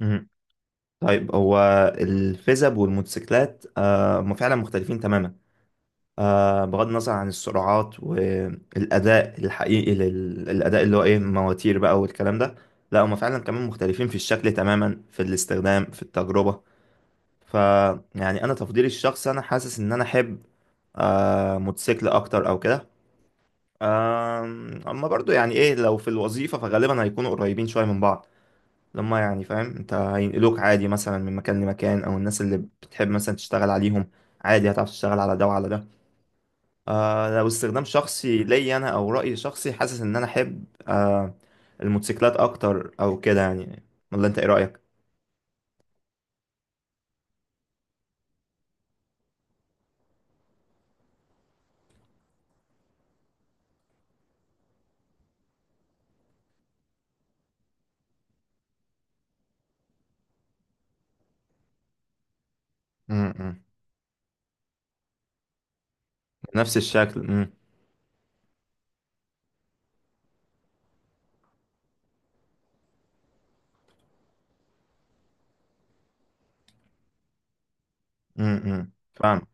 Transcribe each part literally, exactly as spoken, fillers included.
مهم. طيب هو الفيزب والموتوسيكلات آه، هم فعلا مختلفين تماما. آه، بغض النظر عن السرعات والأداء الحقيقي للأداء اللي هو إيه مواتير بقى والكلام ده. لا هم فعلا كمان مختلفين في الشكل تماما في الاستخدام في التجربة. ف يعني أنا تفضيلي الشخصي أنا حاسس إن أنا أحب آه، موتوسيكل أكتر أو كده. آم، أما برضو يعني إيه لو في الوظيفة فغالبا هيكونوا قريبين شوية من بعض. لما يعني فاهم انت هينقلوك عادي مثلا من مكان لمكان او الناس اللي بتحب مثلا تشتغل عليهم عادي هتعرف تشتغل على ده وعلى ده. آه لو استخدام شخصي ليا انا او رأي شخصي حاسس ان انا احب آه الموتوسيكلات اكتر او كده يعني. ولا انت ايه رأيك؟ امم. نفس الشكل. امم. امم. فاهم.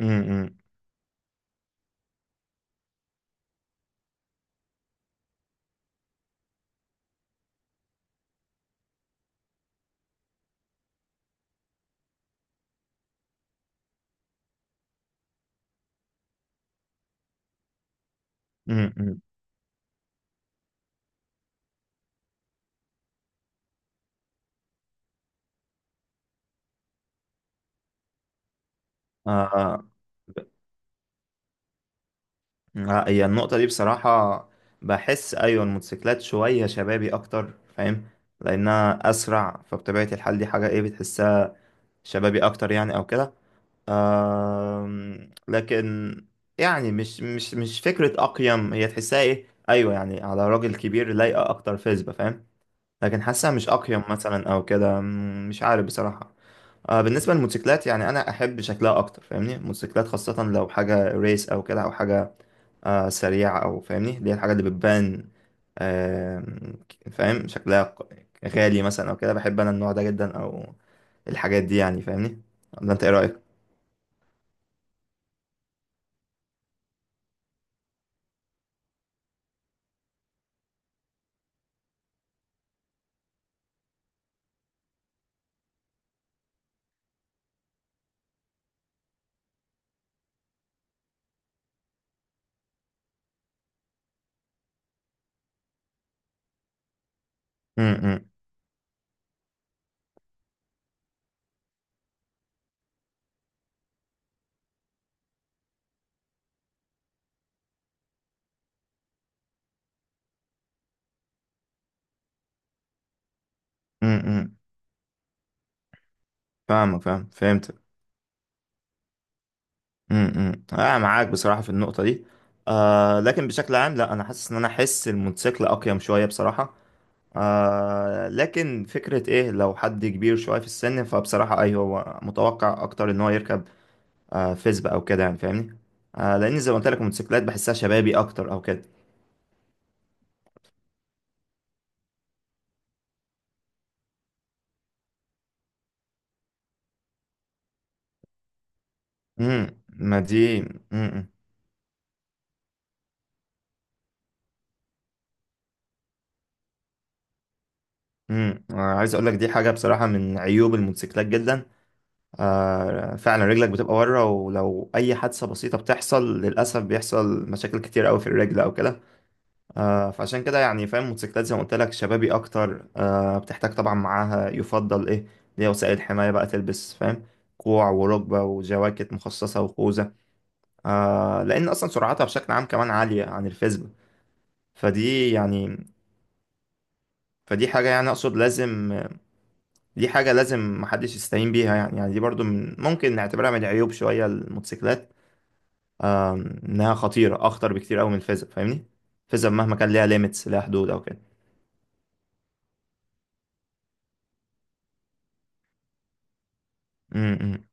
امم. امم. آه لا، هي النقطة دي بصراحة بحس أيوة الموتوسيكلات شوية شبابي أكتر فاهم لأنها أسرع فبطبيعة الحال دي حاجة إيه بتحسها شبابي أكتر يعني أو كده. آم، لكن يعني مش مش مش فكرة أقيم هي تحسها إيه أيوة يعني على راجل كبير لايقة أكتر فيسبا فاهم. لكن حاسها مش أقيم مثلا أو كده. مم، مش عارف بصراحة. آه، بالنسبة للموتوسيكلات يعني أنا أحب شكلها أكتر فاهمني. الموتوسيكلات خاصة لو حاجة ريس أو كده أو حاجة آه سريعة أو فاهمني اللي هي الحاجة اللي بتبان. آه فاهم شكلها ق- غالي مثلا أو كده. بحب أنا النوع ده جدا أو الحاجات دي يعني فاهمني. ولا أنت إيه رأيك؟ امم. امم. فاهمك. فاهم. فهمتك. امم. أنا معاك بصراحة في النقطة دي. آه لكن بشكل عام لا أنا حاسس إن أنا أحس الموتوسيكل أقيم شوية بصراحة. آه لكن فكرة إيه لو حد كبير شوية في السن فبصراحة أيوه هو متوقع أكتر إن هو يركب آه، فيسبا او كده يعني فاهمني. آه، لان زي ما قلت لك الموتوسيكلات بحسها شبابي اكتر او كده. امم. ما دي امم. امم. عايز اقول لك دي حاجه بصراحه من عيوب الموتوسيكلات جدا. آه، فعلا رجلك بتبقى بره ولو اي حادثه بسيطه بتحصل للاسف بيحصل مشاكل كتير قوي في الرجل او كده. آه، فعشان كده يعني فاهم الموتوسيكلات زي ما قلت لك شبابي اكتر. آه، بتحتاج طبعا معاها يفضل ايه اللي هي وسائل حمايه بقى تلبس فاهم. كوع وركبه وجواكت مخصصه وخوذه. آه لان اصلا سرعتها بشكل عام كمان عاليه عن الفيسبوك. فدي يعني. فدي حاجه يعني اقصد لازم. دي حاجه لازم محدش يستهين بيها يعني. يعني دي برضو من ممكن نعتبرها من العيوب شويه الموتوسيكلات. آه انها خطيره اخطر بكتير قوي من الفيسبوك فاهمني. الفيسبوك مهما كان ليها ليميتس ليها حدود او كده. امم.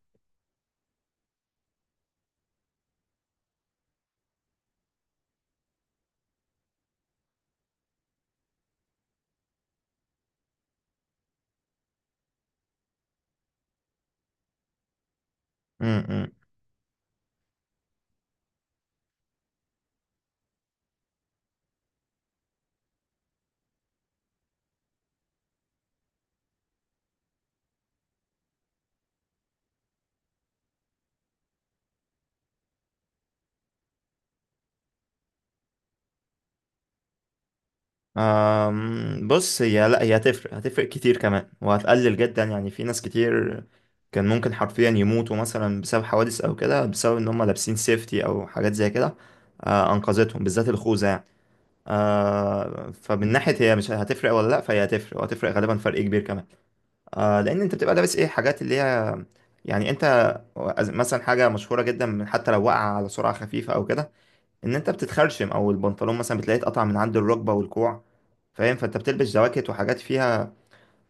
أم، بص هي لا هي هتفرق هتفرق كتير كمان وهتقلل جدا يعني في ناس كتير كان ممكن حرفيا يموتوا مثلا بسبب حوادث او كده بسبب ان هم لابسين سيفتي او حاجات زي كده. آه، انقذتهم بالذات الخوذه يعني. آه، فمن ناحيه هي مش هتفرق ولا لا فهي هتفرق وهتفرق غالبا فرق كبير كمان. آه، لان انت بتبقى لابس ايه حاجات اللي هي يعني انت مثلا حاجه مشهوره جدا من حتى لو وقع على سرعه خفيفه او كده ان انت بتتخرشم او البنطلون مثلا بتلاقيه اتقطع من عند الركبه والكوع فاهم. فانت بتلبس جواكت وحاجات فيها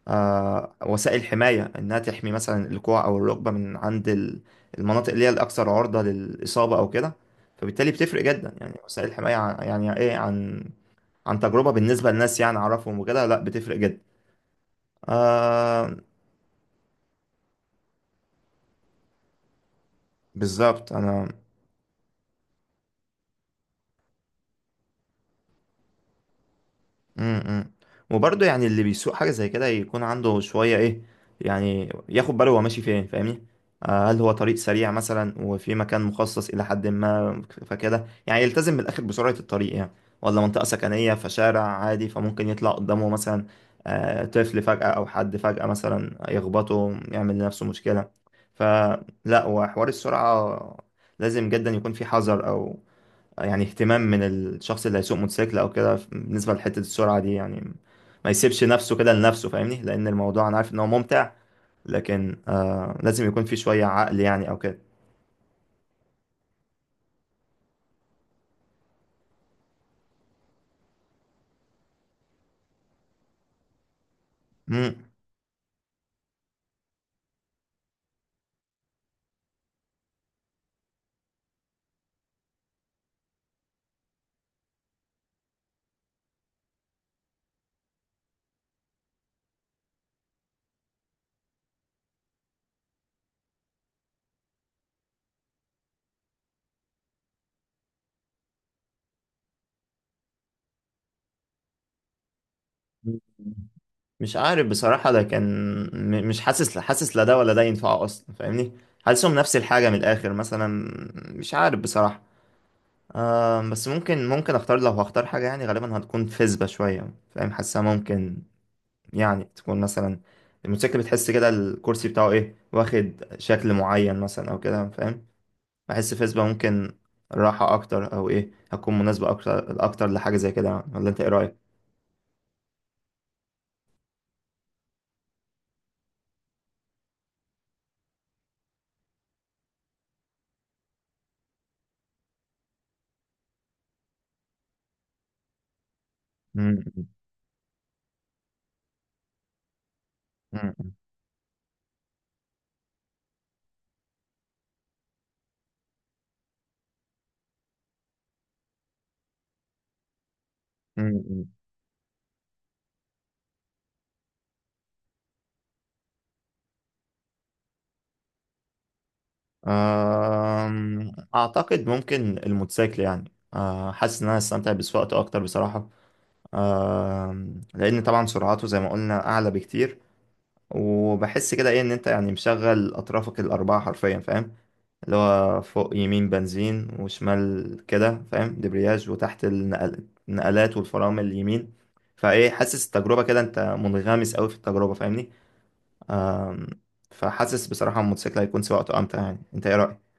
آه وسائل حمايه انها تحمي مثلا الكوع او الركبه من عند ال- المناطق اللي هي الاكثر عرضه للاصابه او كده. فبالتالي بتفرق جدا يعني وسائل الحمايه عن- يعني ايه عن عن تجربه بالنسبه للناس يعني اعرفهم وكده لا بتفرق جدا. آه بالظبط انا. امم. امم. وبرضه يعني اللي بيسوق حاجة زي كده يكون عنده شوية ايه يعني ياخد باله هو ماشي فين فاهمني. آه، هل هو طريق سريع مثلا وفي مكان مخصص إلى حد ما فكده يعني يلتزم من الآخر بسرعة الطريق يعني. ولا منطقة سكنية فشارع عادي فممكن يطلع قدامه مثلا آه، طفل فجأة أو حد فجأة مثلا يخبطه يعمل لنفسه مشكلة. فلا وحوار السرعة لازم جدا يكون في حذر أو يعني اهتمام من الشخص اللي هيسوق موتوسيكل او كده بالنسبه لحته السرعه دي يعني. ما يسيبش نفسه كده لنفسه فاهمني لان الموضوع انا عارف ان هو ممتع. لكن آه لازم يكون في شويه عقل يعني او كده. مم. مش عارف بصراحه لكن م- مش حاسس حاسس لا ده ولا ده ينفعه اصلا فاهمني. حاسسهم نفس الحاجه من الاخر مثلا. مش عارف بصراحه. آه بس ممكن ممكن اختار لو هختار حاجه يعني غالبا هتكون فيسبا شويه فاهم. حاسسها ممكن يعني تكون مثلا. الموتوسيكل بتحس كده الكرسي بتاعه ايه واخد شكل معين مثلا او كده فاهم. بحس فيسبا ممكن راحة اكتر او ايه هتكون مناسبة اكتر اكتر لحاجة زي كده. ولا انت ايه رأيك؟ مم، مم، مم، مم. أم، اعتقد ممكن الموتوسيكل يعني أه، حاسس ان انا استمتع بسواقته اكتر بصراحة. أم، لان طبعا سرعته زي ما قلنا اعلى بكتير. وبحس كده ايه ان انت يعني مشغل اطرافك الاربعة حرفيا فاهم. اللي هو فوق يمين بنزين وشمال كده فاهم دبرياج وتحت النقل- النقلات والفرامل اليمين. فايه حاسس التجربة كده انت منغمس قوي في التجربة فاهمني. فحاسس بصراحة الموتوسيكل هيكون سواقته امتع يعني انت ايه رأيك؟